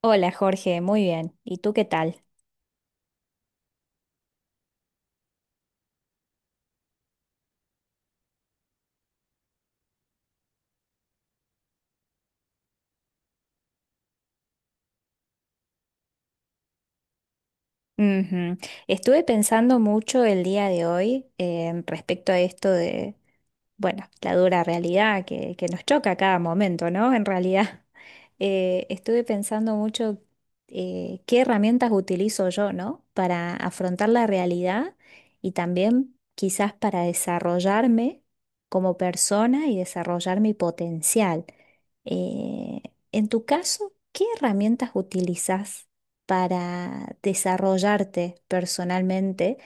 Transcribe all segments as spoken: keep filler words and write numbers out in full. Hola Jorge, muy bien. ¿Y tú qué tal? Ujú. Estuve pensando mucho el día de hoy eh, respecto a esto, bueno, la dura realidad que, que nos choca a cada momento, ¿no? En realidad, eh, estuve pensando mucho, eh, qué herramientas utilizo yo, ¿no? Para afrontar la realidad y también quizás para desarrollarme como persona y desarrollar mi potencial. Eh, en tu caso, ¿qué herramientas utilizas para desarrollarte personalmente?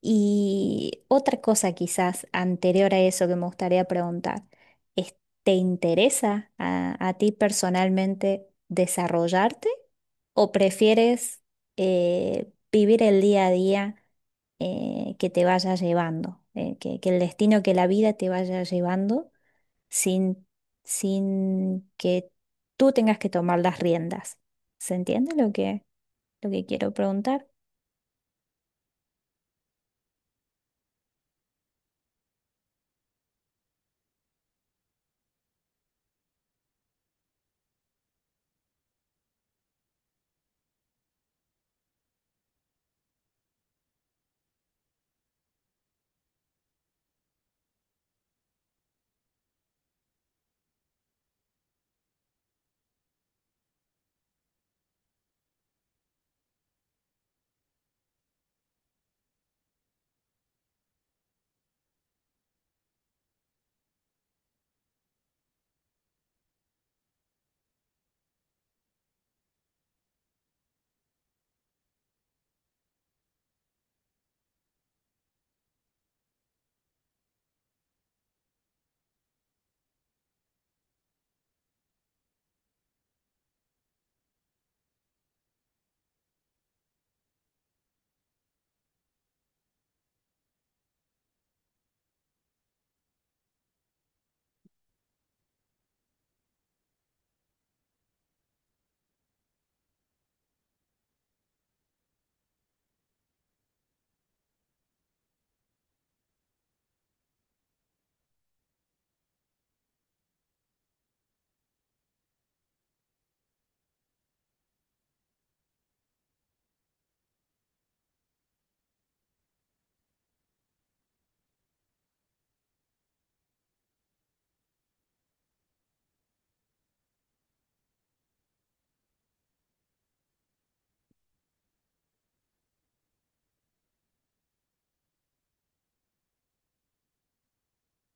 Y otra cosa quizás anterior a eso que me gustaría preguntar es, ¿te interesa a, a ti personalmente desarrollarte, o prefieres, eh, vivir el día a día, eh, que te vaya llevando, eh, que, que el destino, que la vida te vaya llevando sin, sin que tú tengas que tomar las riendas? ¿Se entiende lo que, ¿lo que quiero preguntar?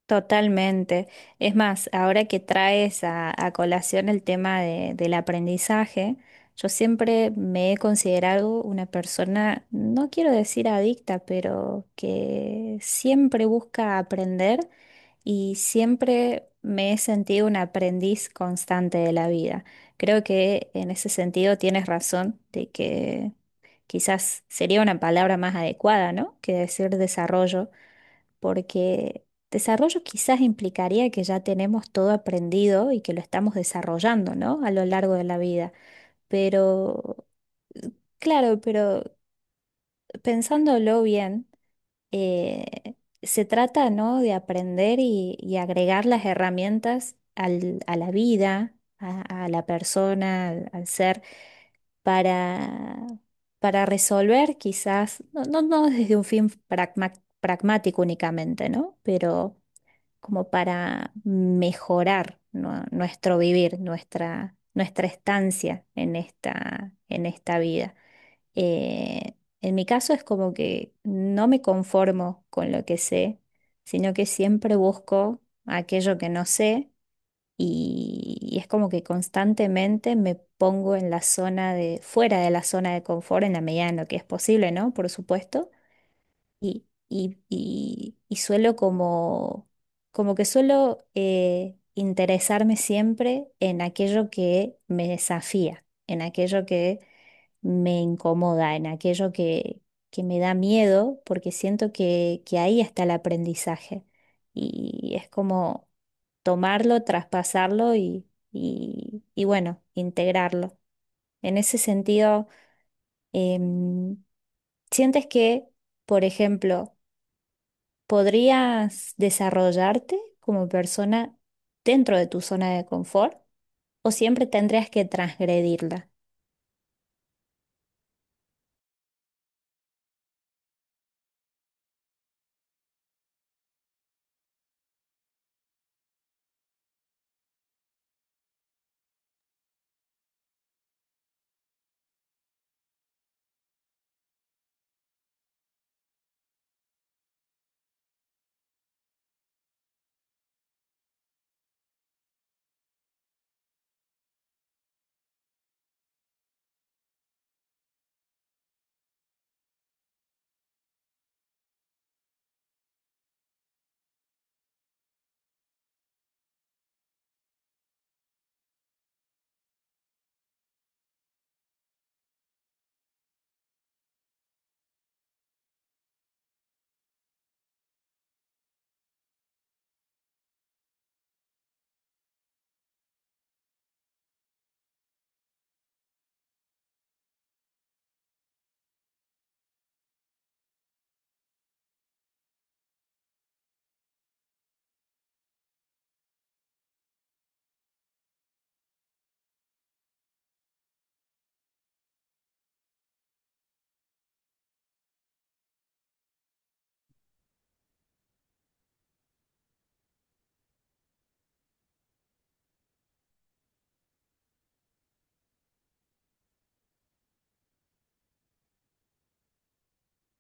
Totalmente. Es más, ahora que traes a, a colación el tema de- del aprendizaje, yo siempre me he considerado una persona, no quiero decir adicta, pero que siempre busca aprender, y siempre me he sentido un aprendiz constante de la vida. Creo que en ese sentido tienes razón de que quizás sería una palabra más adecuada, ¿no? Que decir desarrollo, porque desarrollo quizás implicaría que ya tenemos todo aprendido y que lo estamos desarrollando, ¿no? A lo largo de la vida. Pero, claro, pero pensándolo bien, eh, se trata, ¿no? De aprender y, y agregar las herramientas al- a la vida, a, a la persona, al al ser para, para resolver quizás, no, no, no desde un fin pragma- pragmático únicamente, ¿no? Pero como para mejorar, ¿no? Nuestro vivir, nuestra, nuestra estancia en esta, en esta vida. Eh, en mi caso es como que no me conformo con lo que sé, sino que siempre busco aquello que no sé, y, y es como que constantemente me pongo en la zona de, fuera de la zona de confort en la medida en lo que es posible, ¿no? Por supuesto. Y, y, y, y suelo como, como que suelo eh, interesarme siempre en aquello que me desafía, en aquello que me incomoda, en aquello que, que me da miedo, porque siento que, que ahí está el aprendizaje. Y es como tomarlo, traspasarlo y, y, y bueno, integrarlo. En ese sentido, em, ¿sientes que, por ejemplo, podrías desarrollarte como persona dentro de tu zona de confort, o siempre tendrías que transgredirla?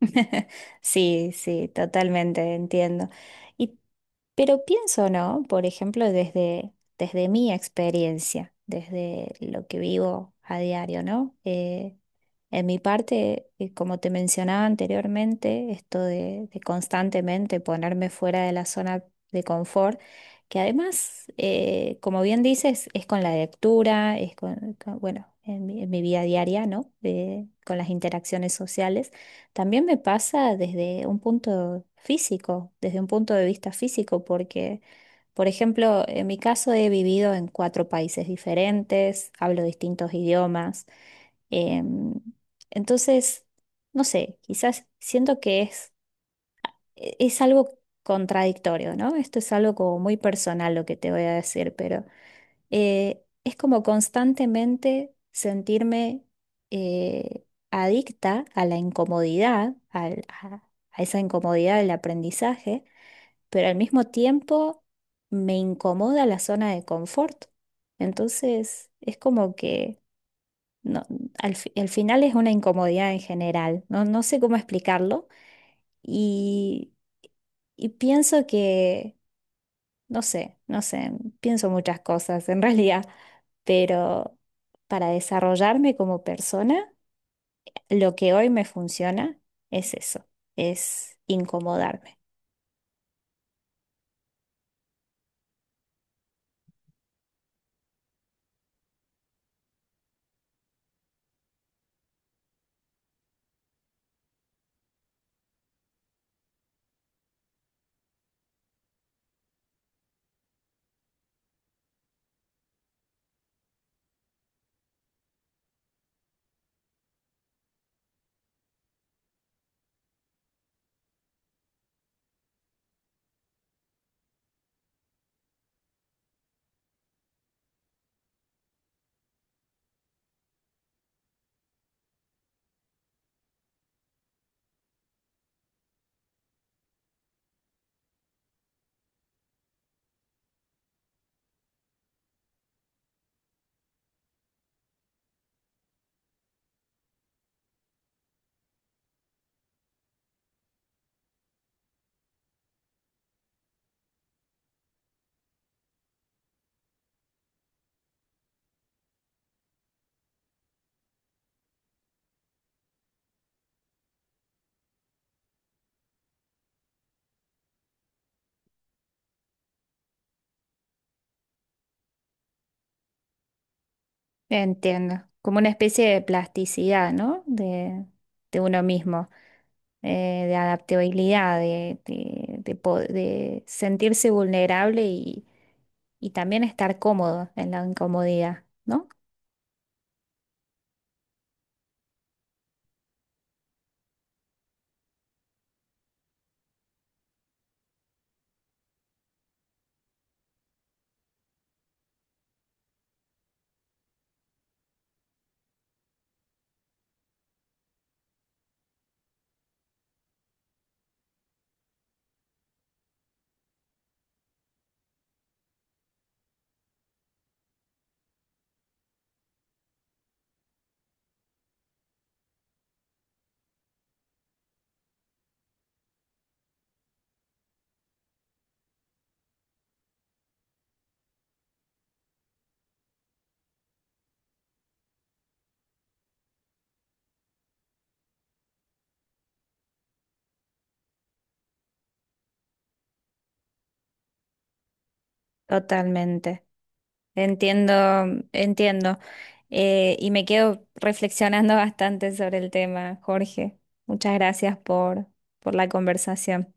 Sí, sí, totalmente entiendo. Y, pero pienso, ¿no? Por ejemplo, desde, desde mi experiencia, desde lo que vivo a diario, ¿no? Eh, En mi parte, eh, como te mencionaba anteriormente, esto de, de constantemente ponerme fuera de la zona de confort, que además, eh, como bien dices, es con la lectura, es con, con- bueno, en mi, en mi vida diaria, ¿no? De- con las interacciones sociales. También me pasa desde un punto físico, desde un punto de vista físico, porque, por ejemplo, en mi caso he vivido en cuatro países diferentes, hablo distintos idiomas. Em, entonces, no sé, quizás siento que es, e- es algo contradictorio, ¿no? Esto es algo como muy personal lo que te voy a decir, pero eh, es como constantemente sentirme, eh, adicta a la incomodidad, al- a, a esa incomodidad del aprendizaje, pero al mismo tiempo me incomoda la zona de confort. Entonces, es como que... No, al, fi- al final es una incomodidad en general, no, no sé cómo explicarlo, y, y pienso que, no sé, no sé, pienso muchas cosas en realidad, pero para desarrollarme como persona, lo que hoy me funciona es eso, es incomodarme. Entiendo, como una especie de plasticidad, ¿no? De, de uno mismo. Eh, de adaptabilidad, de, de- de po- de sentirse vulnerable y, y también estar cómodo en la incomodidad, ¿no? Totalmente. Entiendo, entiendo. Eh, y me quedo reflexionando bastante sobre el tema, Jorge. Muchas gracias por, por la conversación.